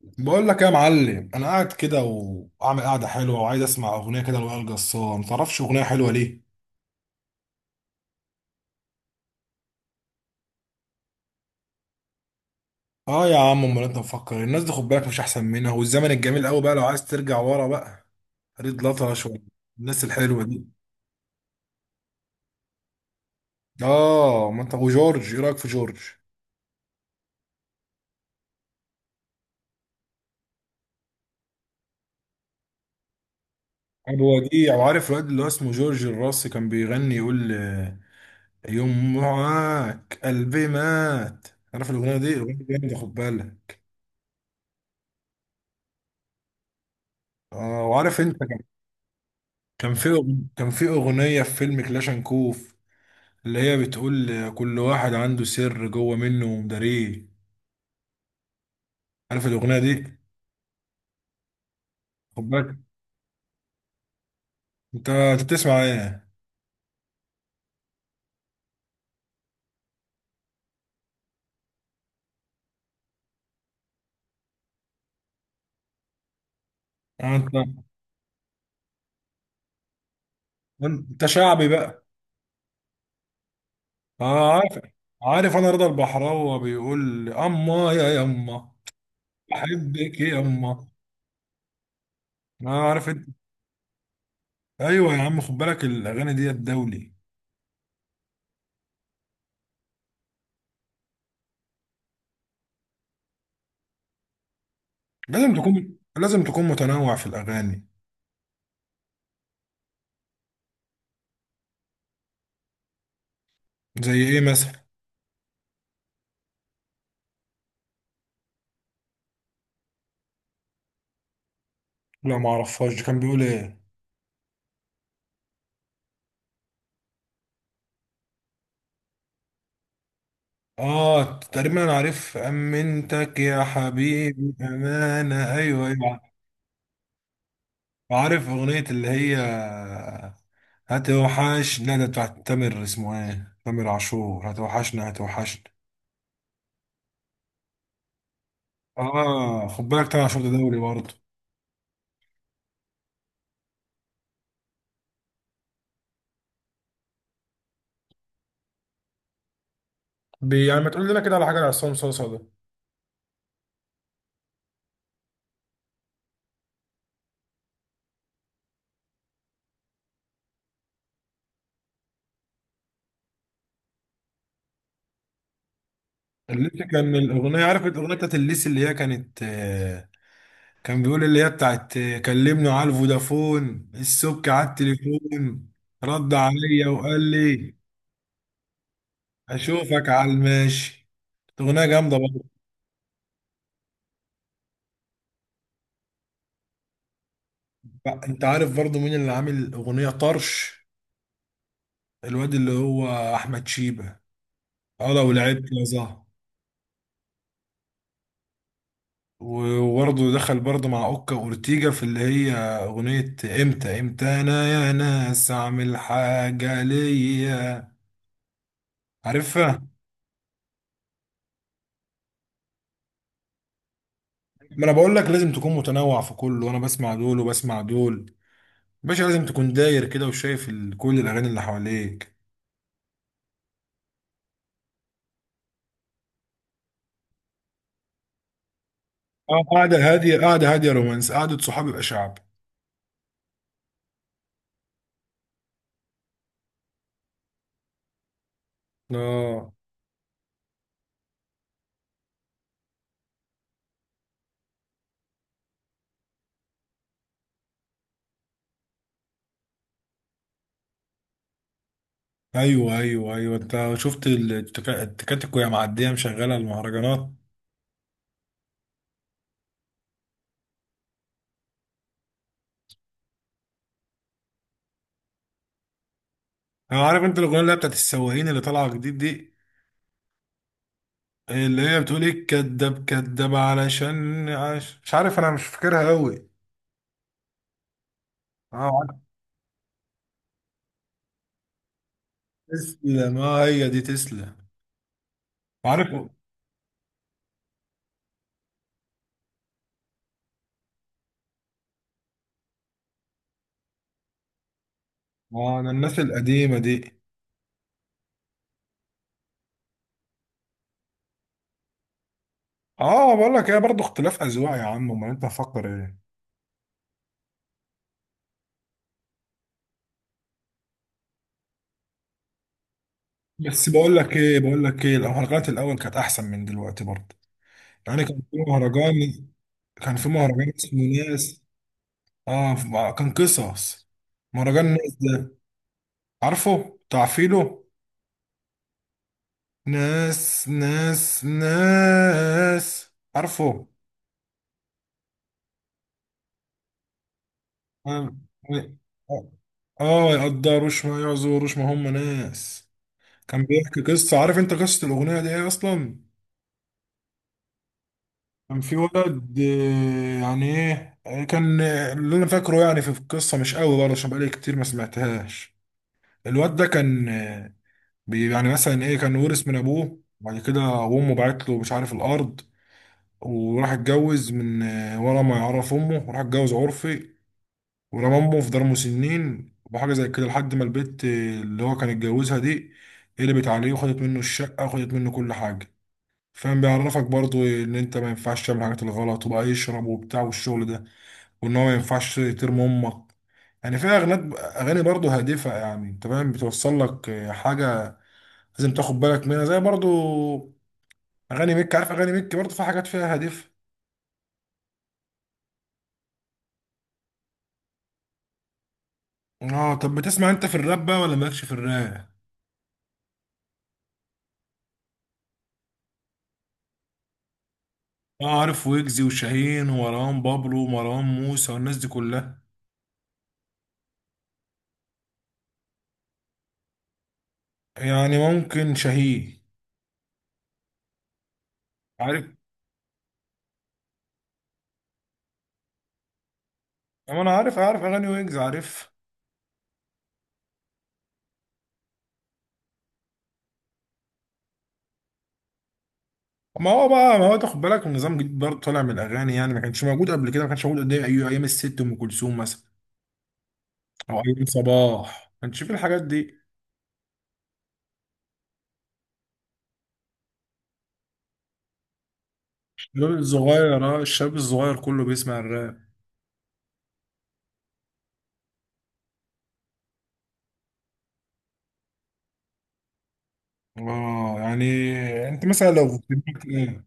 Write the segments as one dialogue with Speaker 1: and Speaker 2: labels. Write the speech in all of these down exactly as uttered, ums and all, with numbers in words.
Speaker 1: بقول لك يا معلم، انا قاعد كده واعمل قعده حلوه وعايز اسمع اغنيه كده لوائل جسار. ما تعرفش اغنيه حلوه ليه؟ اه يا عم، امال انت مفكر إيه؟ الناس دي خد بالك مش احسن منها، والزمن الجميل قوي بقى لو عايز ترجع ورا بقى. ريد لطرش والناس الحلوه دي. اه، ما انت وجورج، ايه رايك في جورج؟ هو دي، وعارف الواد اللي هو اسمه جورج الراسي كان بيغني يقول آه، يوم معاك قلبي مات. عارف الاغنيه دي؟ الاغنيه دي جامده خد بالك. اه وعارف انت، كان في أغ- كان في أغنية في فيلم كلاش أند كوف، اللي هي بتقول كل واحد عنده سر جوه منه ومداريه. عارف الأغنية دي؟ خد بالك. أنت أنت بتسمع إيه؟ آه، أنت، أنت شعبي بقى. آه عارف. عارف أنا رضا البحراوي بيقول أما يا يما، بحبك يا أما. آه عارف أنت. أيوه يا عم، خد بالك الأغاني دي الدولي. لازم تكون لازم تكون متنوع في الأغاني. زي إيه مثلا؟ لا معرفهاش دي، كان بيقول إيه؟ اه تقريبا انا عارف، امنتك يا حبيبي امانه، ايوه ايوه. عارف اغنيه اللي هي هتوحش، لا ده بتاعت تامر، اسمه ايه، تامر عاشور، هتوحشنا هتوحشنا. اه خد بالك، تامر عاشور ده دولي برضه. بي يعني، ما تقول لنا كده على حاجه لعصام صاصا ده. الليسي، كان الاغنيه، عارف الاغنيه بتاعت الليسي اللي هي كانت آه، كان بيقول اللي هي بتاعت آه، كلمني على الفودافون، السبك على التليفون، رد عليا وقال لي هشوفك على الماشي. اغنيه جامده برضه. بقى، انت عارف برضه مين اللي عامل اغنيه طرش؟ الواد اللي هو احمد شيبه، اه لو لعبت يا زهر. وبرضه دخل برضه مع اوكا اورتيجا في اللي هي اغنيه، امتى امتى انا يا ناس اعمل حاجه ليا، عارفها؟ ما انا بقول لك لازم تكون متنوع في كله، وانا بسمع دول وبسمع دول. باشا، لازم تكون داير كده وشايف ال- كل الاغاني اللي حواليك. اه قاعده هاديه، قاعده هاديه رومانس، قاعده صحاب يبقى شعب. اه. ايوه ايوه ايوه، انت شفت ال- التك- التكاتك وهي معديه مشغله المهرجانات. انا عارف انت الاغنيه اللي هي بتاعت السواقين اللي طالعه جديد دي، اللي هي بتقول ايه كداب كداب علشان عش... مش عارف، انا مش فاكرها قوي. اه عارف. تسلم، اه هي دي، تسلم. عارف. اه انا الناس القديمه دي. اه بقول لك ايه، برضه اختلاف اذواق يا عم، امال انت مفكر ايه. بس بقول لك ايه، بقول لك ايه، المهرجانات الاول كانت احسن من دلوقتي برضه. يعني كان في مهرجان، كان في مهرجان اسمه ناس. اه، ف- كان قصص. مهرجان ناس ده عارفه، بتاع فيلو، ناس ناس ناس، عارفه. اه آه، ما يقدروش، ما يعذروش، ما هم ناس. كان بيحكي قصة، عارف انت قصة الأغنية دي ايه أصلا؟ كان في ولد آه، يعني ايه، آه، كان آه، اللي انا فاكره يعني في القصة مش قوي برضه عشان بقالي كتير ما سمعتهاش. الواد ده كان، آه، بي- يعني مثلا ايه، كان ورث من ابوه، وبعد كده امه بعت له مش عارف الارض، وراح اتجوز من آه، ورا ما يعرف امه، وراح اتجوز عرفي، ورمى امه في دار مسنين وحاجه زي كده، لحد ما البت آه، اللي هو كان اتجوزها دي قلبت عليه وخدت منه الشقه وخدت منه كل حاجه. فاهم، بيعرفك برضو ان انت ما ينفعش تعمل الحاجات الغلط وبقى يشرب وبتاع والشغل ده، وان هو ما ينفعش ترمي امك. يعني فيها اغاني، اغاني برضو هادفه، يعني انت فاهم، بتوصل لك آه، حاجه لازم تاخد بالك منها. زي برضو اغاني ميك، عارف اغاني ميك برضو في حاجات فيها هدف. اه، طب بتسمع انت في الراب بقى ولا مالكش في الراب؟ اه عارف ويجزي وشاهين ومروان بابلو ومروان موسى والناس دي كلها. يعني ممكن شاهين. عارف. أما انا عارف، عارف اغاني ويجز، عارف. ما هو بقى، ما هو تاخد بالك النظام جديد برضه طالع من الاغاني، يعني ما كانش موجود قبل كده، ما كانش موجود قد ايه. أيوة ايام الست ام كلثوم مثلا، او ايام صباح، ما كانش في الحاجات دي. الشباب الصغير، اه الشاب الصغير كله بيسمع الراب. اه يعني، انت مثلا لو بتحب-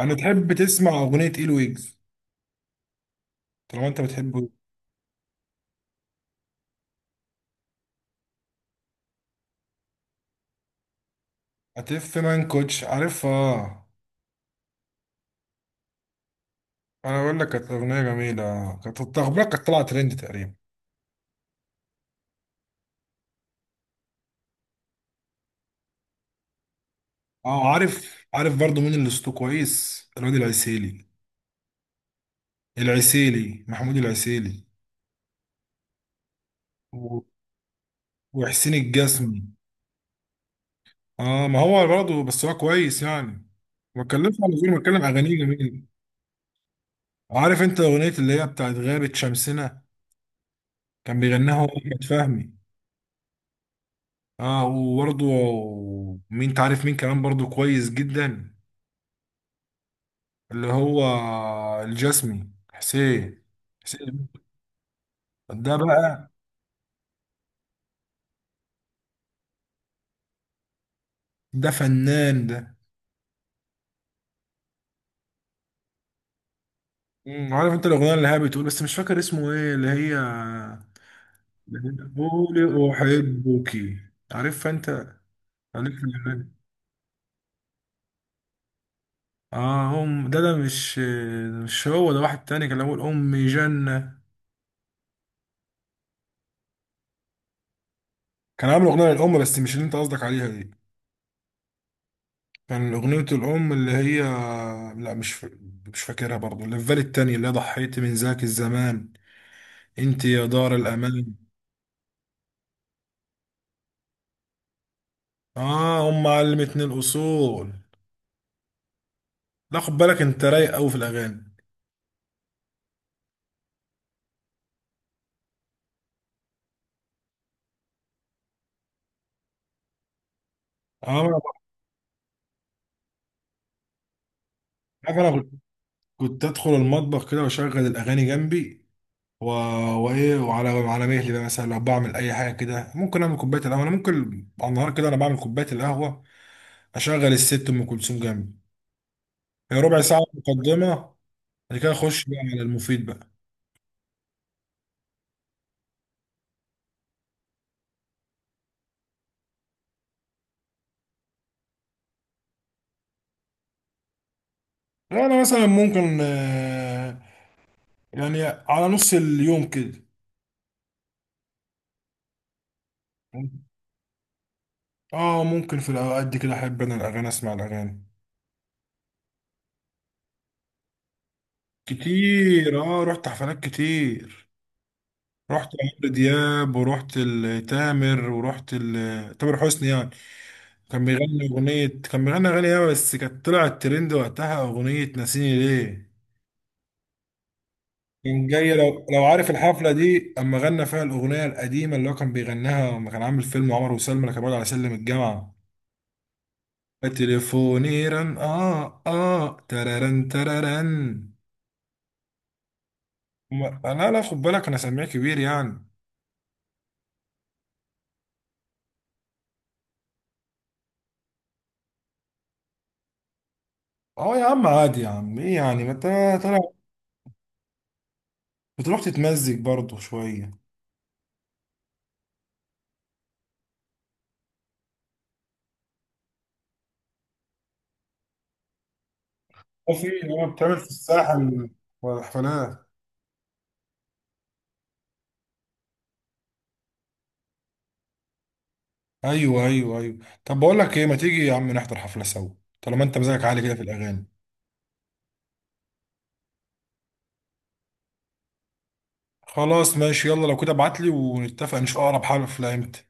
Speaker 1: انا تحب تسمع اغنيه ايل ويجز، طالما انت بتحبه. هتف مان كوتش، عارفها؟ انا بقول لك كانت اغنيه جميله، كانت التخبيره كانت طالعه ترند تقريبا. اه عارف، عارف برضو مين اللي صوته كويس، الواد العسيلي. العسيلي، محمود العسيلي. و- وحسين الجسمي. اه ما هو برضه بس هو كويس يعني، ما اتكلمش عن غير ما اتكلم، اغانيه جميله. عارف انت اغنيه اللي هي بتاعت غابه شمسنا، كان بيغنيها هو احمد فهمي. اه وبرضه، مين تعرف مين كمان برضه كويس جدا؟ اللي هو الجسمي حسين. حسين ده بقى. ده فنان ده. مم، عارف انت الاغنيه اللي هي بتقول، بس مش فاكر اسمه ايه اللي هي، بتقولي احبك، عارف انت؟ عارف الأغنية دي؟ اه هم ده، ده مش مش هو ده، واحد تاني كان اول امي جنه. كان عامل اغنيه للام بس مش اللي انت قصدك عليها دي. كان أغنية الأم اللي هي، لا مش ف... مش فاكرها برضو، اللي في بالي التانية اللي هي ضحيت من ذاك الزمان، انت يا دار الأمان. اه، أم علمتني الأصول. لا خد بالك، انت رايق أوي في الأغاني. اه أنا، عارف أنا، كنت كنت أدخل المطبخ كده وأشغل الأغاني جنبي، و... وإيه، وعلى على مهلي بقى مثلا لو بعمل أي حاجة كده، ممكن أعمل كوباية القهوة. أنا ممكن على النهار كده أنا بعمل كوباية القهوة، أشغل الست أم كلثوم جنبي، هي ربع ساعة مقدمة، بعد كده أخش بقى على المفيد بقى. انا مثلا ممكن آه، يعني على نص اليوم كده. اه ممكن في الاوقات دي كده احب انا الاغاني، اسمع الاغاني كتير. اه رحت حفلات كتير، رحت عمرو دياب، ورحت لتامر، ورحت ل- تامر حسني يعني. كان بيغني اغنية، كان بيغني اغاني ايه، بس كانت طلعت ترند وقتها اغنية ناسيني ليه. كان جاي، لو لو عارف الحفلة دي، اما غنى فيها الاغنية القديمة اللي هو كان بيغناها لما كان عامل فيلم عمر وسلمى، اللي كان بيقعد على سلم الجامعة، تليفوني رن، اه اه، تررن تررن. ما- لا لا خد بالك، انا سامع كبير يعني. اه يا عم عادي يا عم، ايه يعني، ما انت طالع، بتروح تتمزج برضه شويه. اه في، اه بتعمل في الساحل والحفلات. ايوه ايوه ايوه، طب بقول لك ايه، ما تيجي يا عم نحضر حفله سوا، طالما انت مزاجك عالي كده في الاغاني. خلاص ماشي، يلا لو كده ابعت لي ونتفق نشوف اقرب حفله امتى.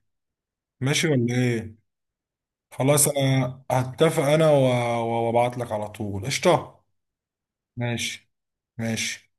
Speaker 1: ماشي ولا ايه؟ خلاص، انا هتفق انا و- و- وابعت لك على طول، قشطه. ماشي. ماشي.